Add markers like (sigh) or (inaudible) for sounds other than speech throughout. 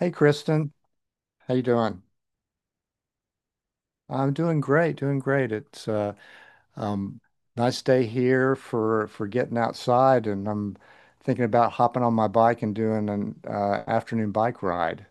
Hey Kristen, how you doing? I'm doing great, doing great. It's um, Nice day here for getting outside, and I'm thinking about hopping on my bike and doing an afternoon bike ride.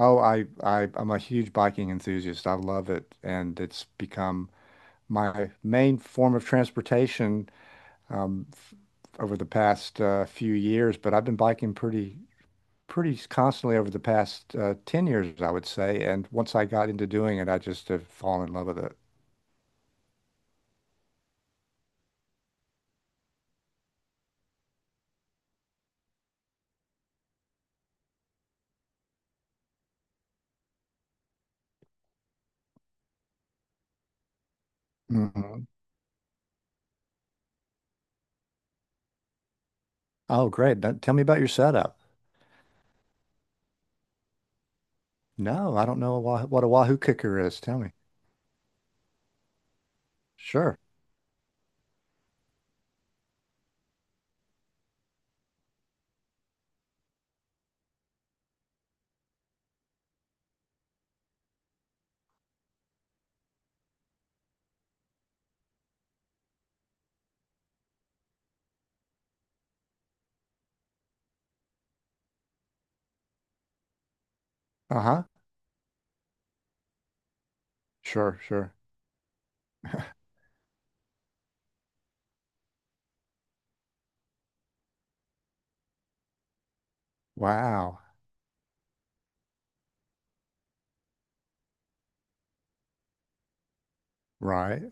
Oh, I'm a huge biking enthusiast. I love it, and it's become my main form of transportation f over the past few years. But I've been biking pretty constantly over the past 10 years, I would say. And once I got into doing it, I just have fallen in love with it. Mhm. Oh, great. Now, tell me about your setup. No, I don't know what a Wahoo cooker is. Tell me. Sure. Uh-huh. Sure, sure. Wow. Right.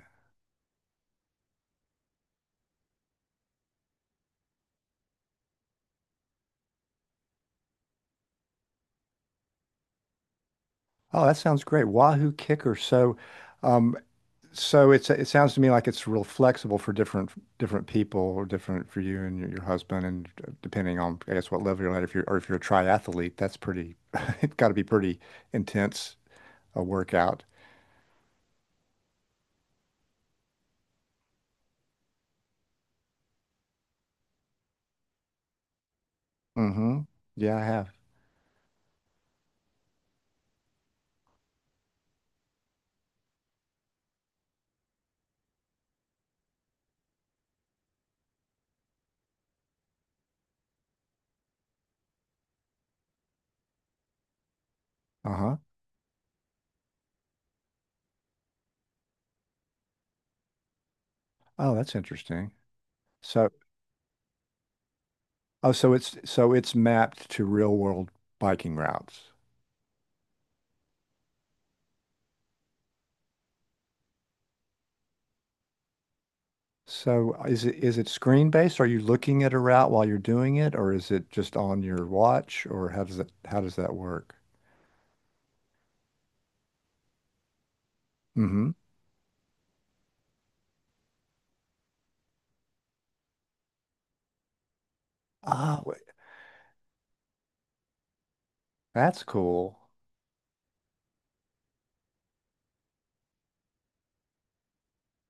Oh, that sounds great. Wahoo kicker. Um, So it's it sounds to me like it's real flexible for different people or different for you and your husband and depending on I guess what level you're at if you're or if you're a triathlete, that's pretty (laughs) it's got to be pretty intense a workout. Mm-hmm. Yeah, I have. Uh-huh. Oh, that's interesting. So so it's mapped to real world biking routes. So is it screen based? Are you looking at a route while you're doing it, or is it just on your watch, or how does that work? Mm-hmm. Ah, that's cool.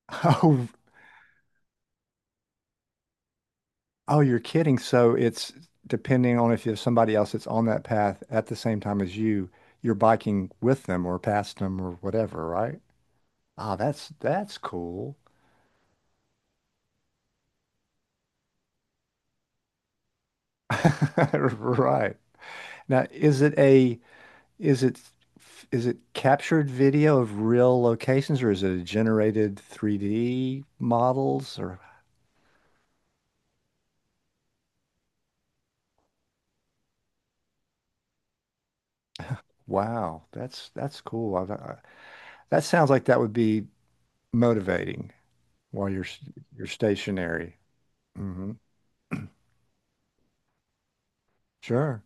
(laughs) Oh, oh, you're kidding. So it's depending on if you have somebody else that's on that path at the same time as you, you're biking with them or past them or whatever, right? Ah, that's cool. (laughs) Right. Now, is it a is it is it captured video of real locations, or is it a generated 3D models? Or wow, that's cool. That sounds like that would be motivating while you're stationary. hmm Sure.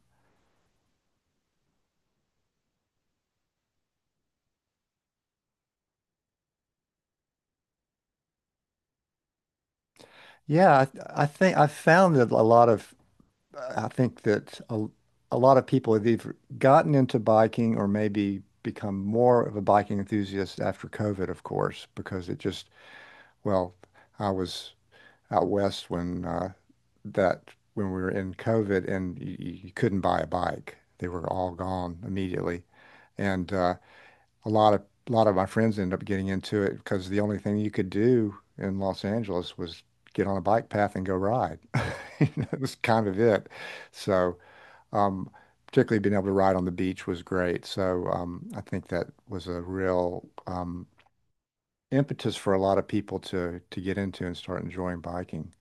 Yeah, I, th- I think I found that a lot of I think that a lot of people have either gotten into biking or maybe become more of a biking enthusiast after COVID, of course, because it just well, I was out west when that when we were in COVID, and you couldn't buy a bike. They were all gone immediately. And a lot of a lot of my friends ended up getting into it because the only thing you could do in Los Angeles was get on a bike path and go ride. (laughs) You know, that was kind of it. So, um, Particularly being able to ride on the beach was great. I think that was a real impetus for a lot of people to get into and start enjoying biking.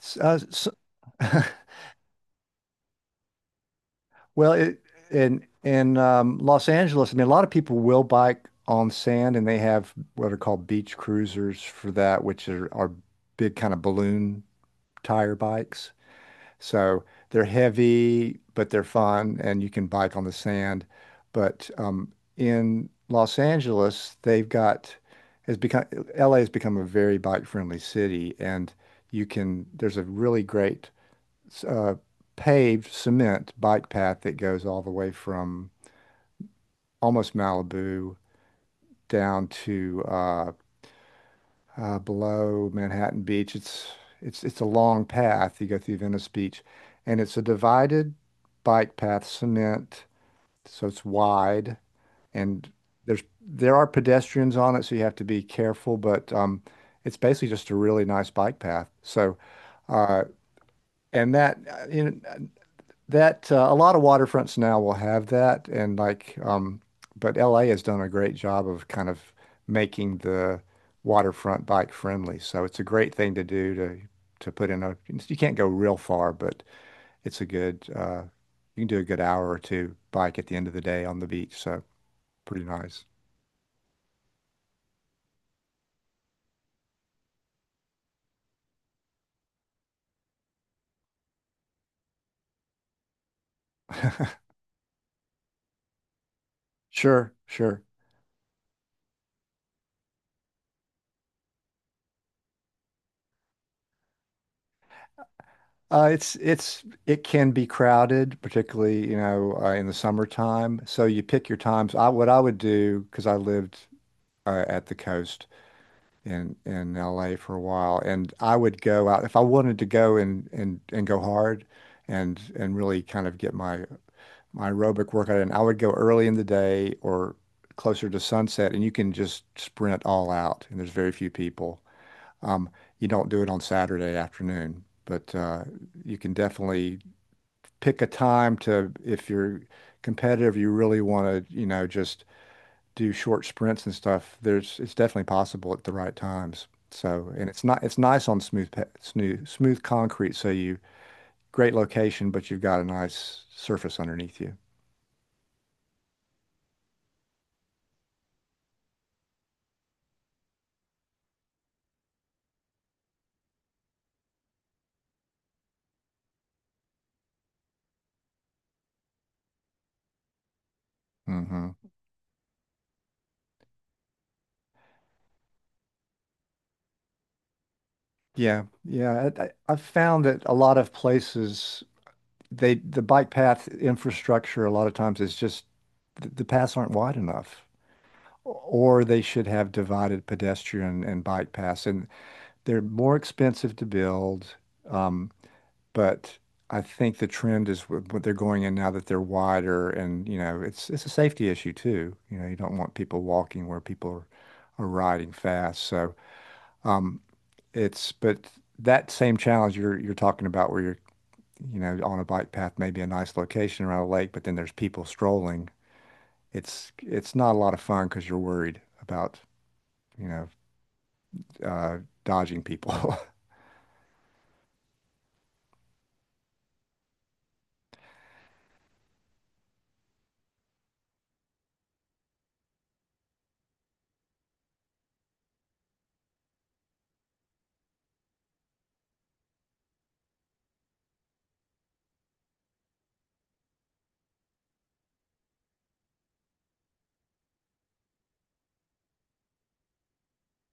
S- s (laughs) Well, it, in Los Angeles, I mean, a lot of people will bike on sand, and they have what are called beach cruisers for that, which are big kind of balloon tire bikes. So they're heavy, but they're fun, and you can bike on the sand. But in Los Angeles, they've got has become LA has become a very bike friendly city, and you can there's a really great s- uh, paved cement bike path that goes all the way from almost Malibu down to below Manhattan Beach. It's a long path. You go through Venice Beach, and it's a divided bike path, cement, so it's wide, and there are pedestrians on it, so you have to be careful. But it's basically just a really nice bike path. So, uh, and that you know, That a lot of waterfronts now will have that, and but LA has done a great job of kind of making the waterfront bike friendly. So it's a great thing to do to put in a. You can't go real far, but it's a good. You can do a good hour or two bike at the end of the day on the beach. So pretty nice. Sure, sure. It's it can be crowded, particularly, you know, in the summertime. So you pick your times. I what I would do because I lived at the coast in LA for a while, and I would go out if I wanted to go and go hard, and really kind of get my aerobic workout in. I would go early in the day or closer to sunset, and you can just sprint all out, and there's very few people. Um, you don't do it on Saturday afternoon, but you can definitely pick a time to if you're competitive, you really want to, you know, just do short sprints and stuff, there's it's definitely possible at the right times. So, and it's not it's nice on smooth pa- smooth smooth concrete. So you great location, but you've got a nice surface underneath you. hmm Yeah, yeah. I've found that a lot of places the bike path infrastructure a lot of times is just the paths aren't wide enough. Or they should have divided pedestrian and bike paths, and they're more expensive to build. Um, but I think the trend is what they're going in now, that they're wider, and you know it's a safety issue too. You know, you don't want people walking where people are riding fast. So um, it's but that same challenge you're talking about where you're you know on a bike path, maybe a nice location around a lake, but then there's people strolling. It's not a lot of fun because you're worried about you know uh, dodging people.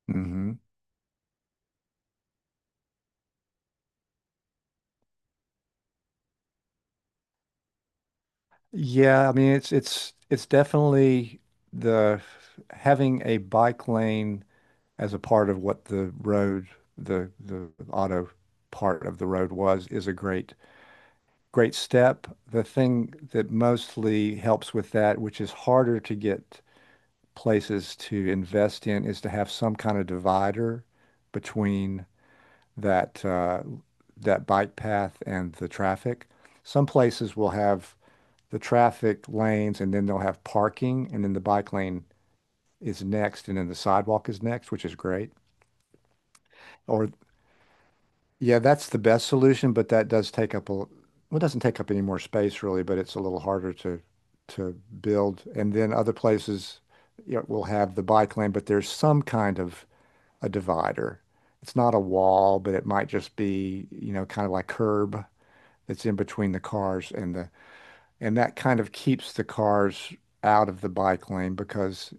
(laughs) hmm Yeah, I mean it's definitely the having a bike lane as a part of what the road, the auto part of the road was is a great step. The thing that mostly helps with that, which is harder to get places to invest in, is to have some kind of divider between that uh, that bike path and the traffic. Some places will have the traffic lanes, and then they'll have parking, and then the bike lane is next, and then the sidewalk is next, which is great. Or Yeah, that's the best solution, but that does take up it doesn't take up any more space really, but it's a little harder to to build. And then other places, you know, will have the bike lane, but there's some kind of a divider. It's not a wall, but it might just be, you know, kind of like curb that's in between the cars and the and that kind of keeps the cars out of the bike lane, because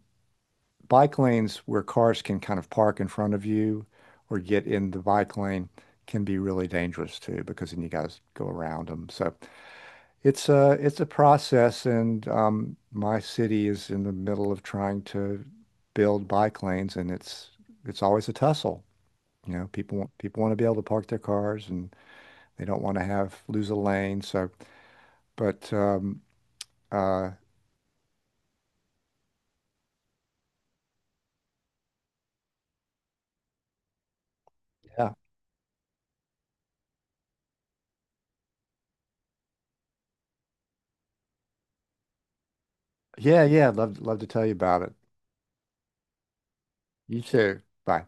bike lanes where cars can kind of park in front of you or get in the bike lane can be really dangerous too, because then you got to go around them. So it's a process, and my city is in the middle of trying to build bike lanes, and it's always a tussle. You know, people want to be able to park their cars, and they don't want to have lose a lane. So, but uh, yeah, yeah. I'd love to tell you about it. You too. Bye.